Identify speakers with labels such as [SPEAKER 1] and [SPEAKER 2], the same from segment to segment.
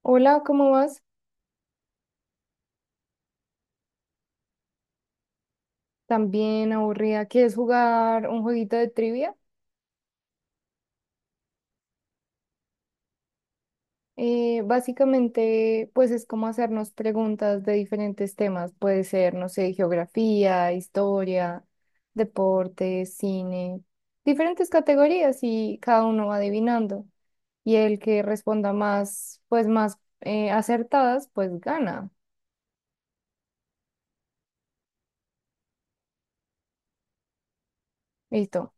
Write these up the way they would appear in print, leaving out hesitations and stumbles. [SPEAKER 1] Hola, ¿cómo vas? También aburrida. ¿Quieres jugar un jueguito de trivia? Básicamente, pues es como hacernos preguntas de diferentes temas. Puede ser, no sé, geografía, historia, deportes, cine, diferentes categorías y cada uno va adivinando. Y el que responda más, pues más acertadas, pues gana. Listo.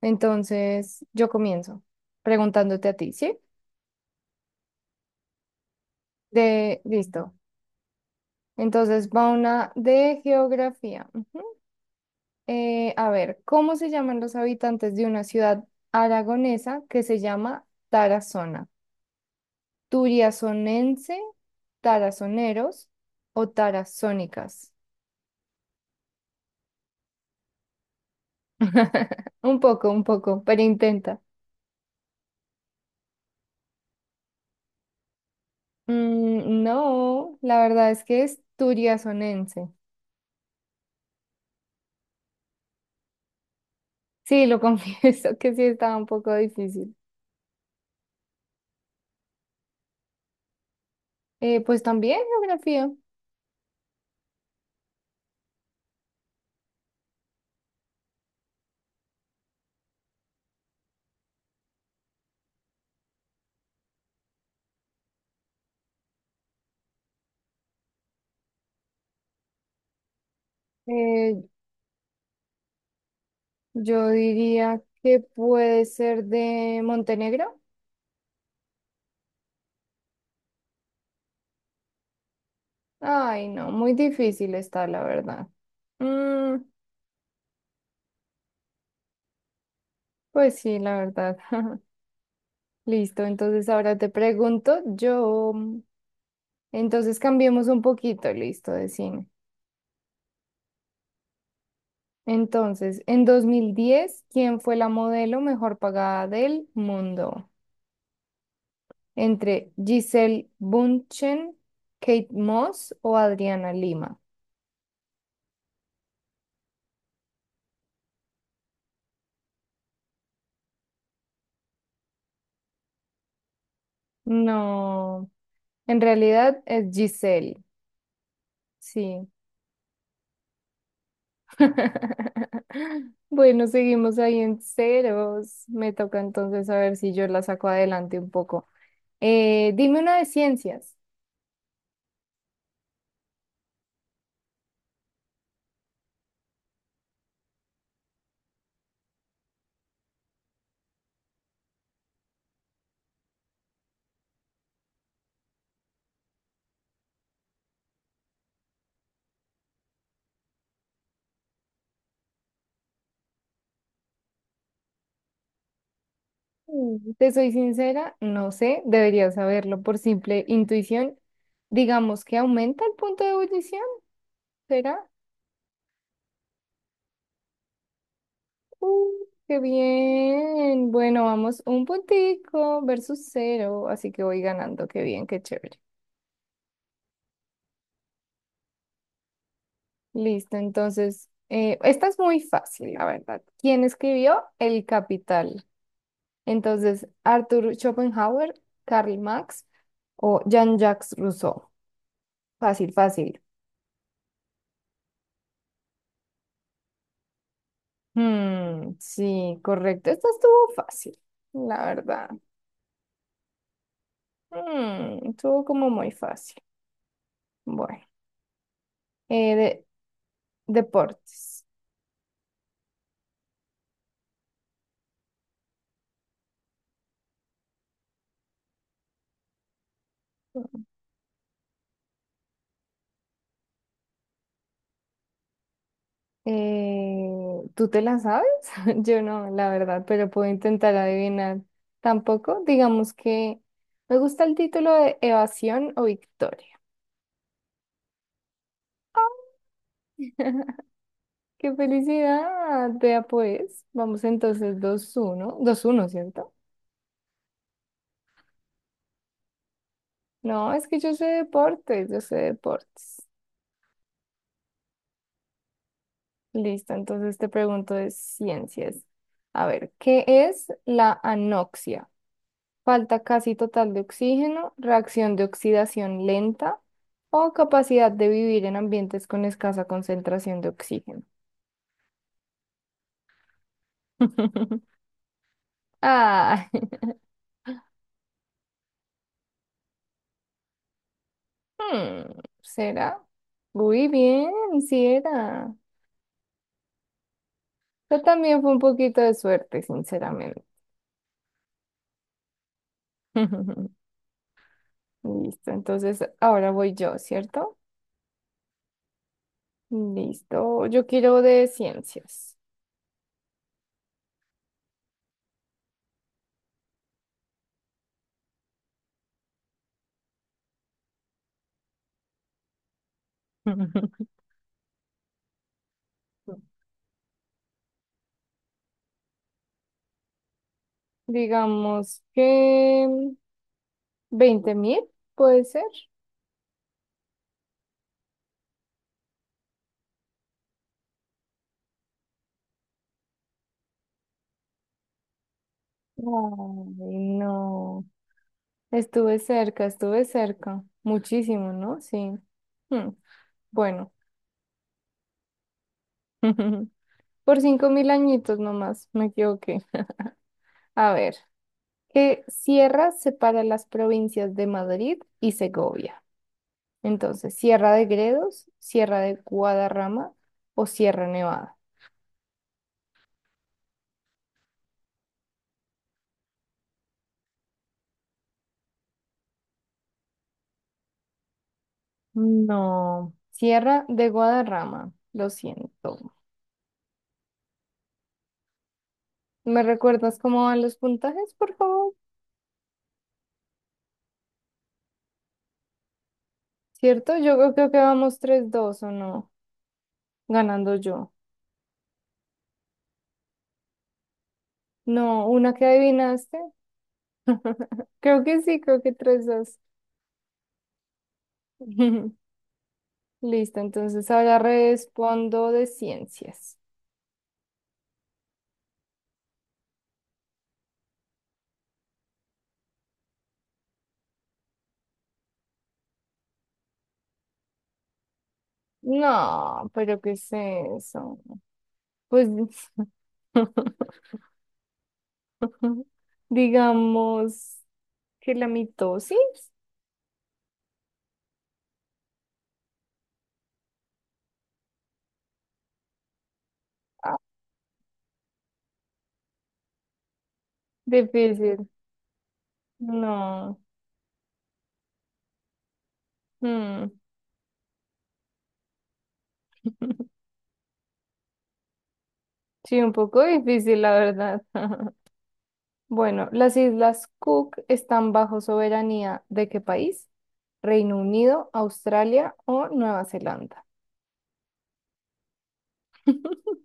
[SPEAKER 1] Entonces, yo comienzo preguntándote a ti, ¿sí? Listo. Entonces va una de geografía. Ujú. A ver, ¿cómo se llaman los habitantes de una ciudad aragonesa que se llama Tarazona? ¿Turiazonense, tarazoneros o tarazónicas? Un poco, pero intenta. Mm, no, la verdad es que es turiazonense. Sí, lo confieso que sí estaba un poco difícil. Pues también geografía. Eh, Yo diría que puede ser de Montenegro. Ay, no, muy difícil está, la verdad. Mm, pues sí, la verdad. Listo, entonces ahora te pregunto, yo, entonces cambiemos un poquito, listo, de cine. Entonces, en 2010, ¿quién fue la modelo mejor pagada del mundo? Entre Giselle Bunchen, Kate Moss o Adriana Lima. No, en realidad es Giselle. Sí. Bueno, seguimos ahí en ceros. Me toca entonces a ver si yo la saco adelante un poco. Dime una de ciencias. Te soy sincera, no sé, debería saberlo por simple intuición. Digamos que aumenta el punto de ebullición, ¿será? Uh, Qué bien. Bueno, vamos, un puntico versus cero, así que voy ganando. Qué bien, qué chévere. Listo, entonces, esta es muy fácil, la verdad. ¿Quién escribió El Capital? Entonces, Arthur Schopenhauer, Karl Marx o Jean-Jacques Rousseau. Fácil, fácil. Sí, correcto. Esta estuvo fácil, la verdad. Estuvo como muy fácil. Bueno, eh, de, deportes. ¿Tú te la sabes? Yo no, la verdad, pero puedo intentar adivinar. Tampoco, digamos que me gusta el título de Evasión o Victoria. ¡Qué felicidad! Vea pues, vamos entonces dos uno, dos uno, ¿cierto? No, es que yo sé deportes, yo sé deportes. Listo, entonces te pregunto de ciencias. A ver, ¿qué es la anoxia? Falta casi total de oxígeno, reacción de oxidación lenta o capacidad de vivir en ambientes con escasa concentración de oxígeno. Ah, ¿será? Muy bien, sí era. Pero también fue un poquito de suerte, sinceramente. Listo, entonces ahora voy yo, ¿cierto? Listo, yo quiero de ciencias. Digamos que 20.000, puede ser. Ay, no. Estuve cerca, estuve cerca. Muchísimo, ¿no? Sí. Hmm, Bueno, por cinco mil añitos nomás, me equivoqué. A ver, ¿qué sierra separa las provincias de Madrid y Segovia? Entonces, ¿Sierra de Gredos, Sierra de Guadarrama o Sierra Nevada? No, Sierra de Guadarrama, lo siento. ¿Me recuerdas cómo van los puntajes, por favor? ¿Cierto? Yo creo que vamos tres dos o no, ganando yo. No, una que adivinaste. Creo que sí, creo que tres 2. Listo, entonces ahora respondo de ciencias. No, pero ¿qué es eso? Pues digamos que la mitosis. Ah, difícil. No. Mm. Sí, un poco difícil, la verdad. Bueno, ¿las Islas Cook están bajo soberanía de qué país? Reino Unido, Australia o Nueva Zelanda.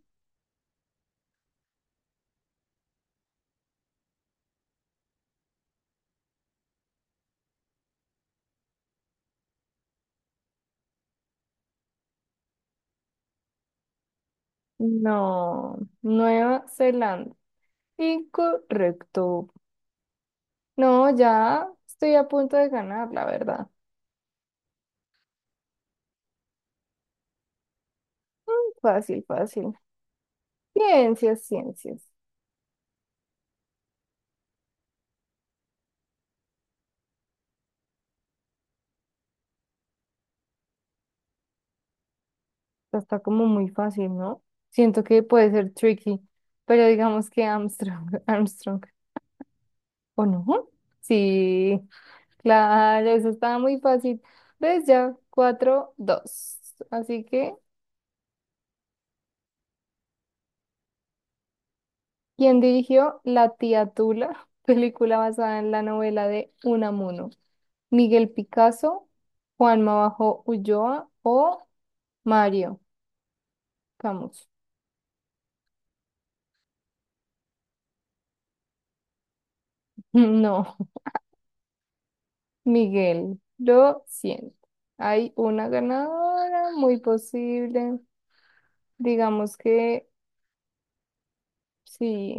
[SPEAKER 1] No, Nueva Zelanda. Incorrecto. No, ya estoy a punto de ganar, la verdad. Mm, Fácil, fácil. Ciencias, ciencias. Esta está como muy fácil, ¿no? Siento que puede ser tricky, pero digamos que Armstrong, Armstrong, ¿o no? Sí. Claro, eso estaba muy fácil. ¿Ves ya? Cuatro dos. Así que, ¿quién dirigió La tía Tula? Película basada en la novela de Unamuno. ¿Miguel Picasso, Juanma Bajo Ulloa o Mario Camus? No, Miguel, lo siento. Hay una ganadora, muy posible. Digamos que sí.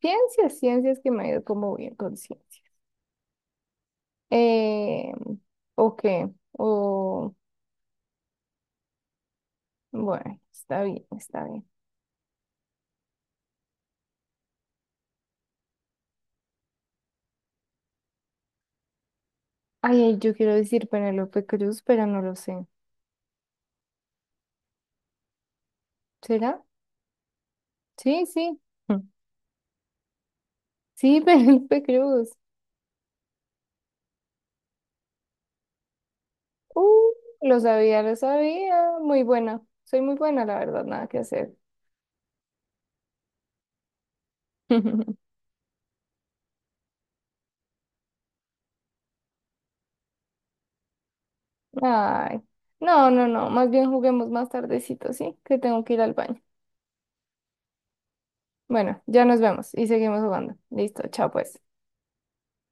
[SPEAKER 1] Ciencias, ciencias que me ha ido como bien con ciencias. Eh, ¿O qué? O, bueno, está bien, está bien. Ay, ay, yo quiero decir Penélope Cruz, pero no lo sé. ¿Será? Sí, sí. Mm. Sí, Penélope Cruz. Uh, lo sabía, lo sabía. Muy buena. Soy muy buena, la verdad, nada que hacer. Ay, no, no, no. Más bien juguemos más tardecito, ¿sí? Que tengo que ir al baño. Bueno, ya nos vemos y seguimos jugando. Listo, chao pues.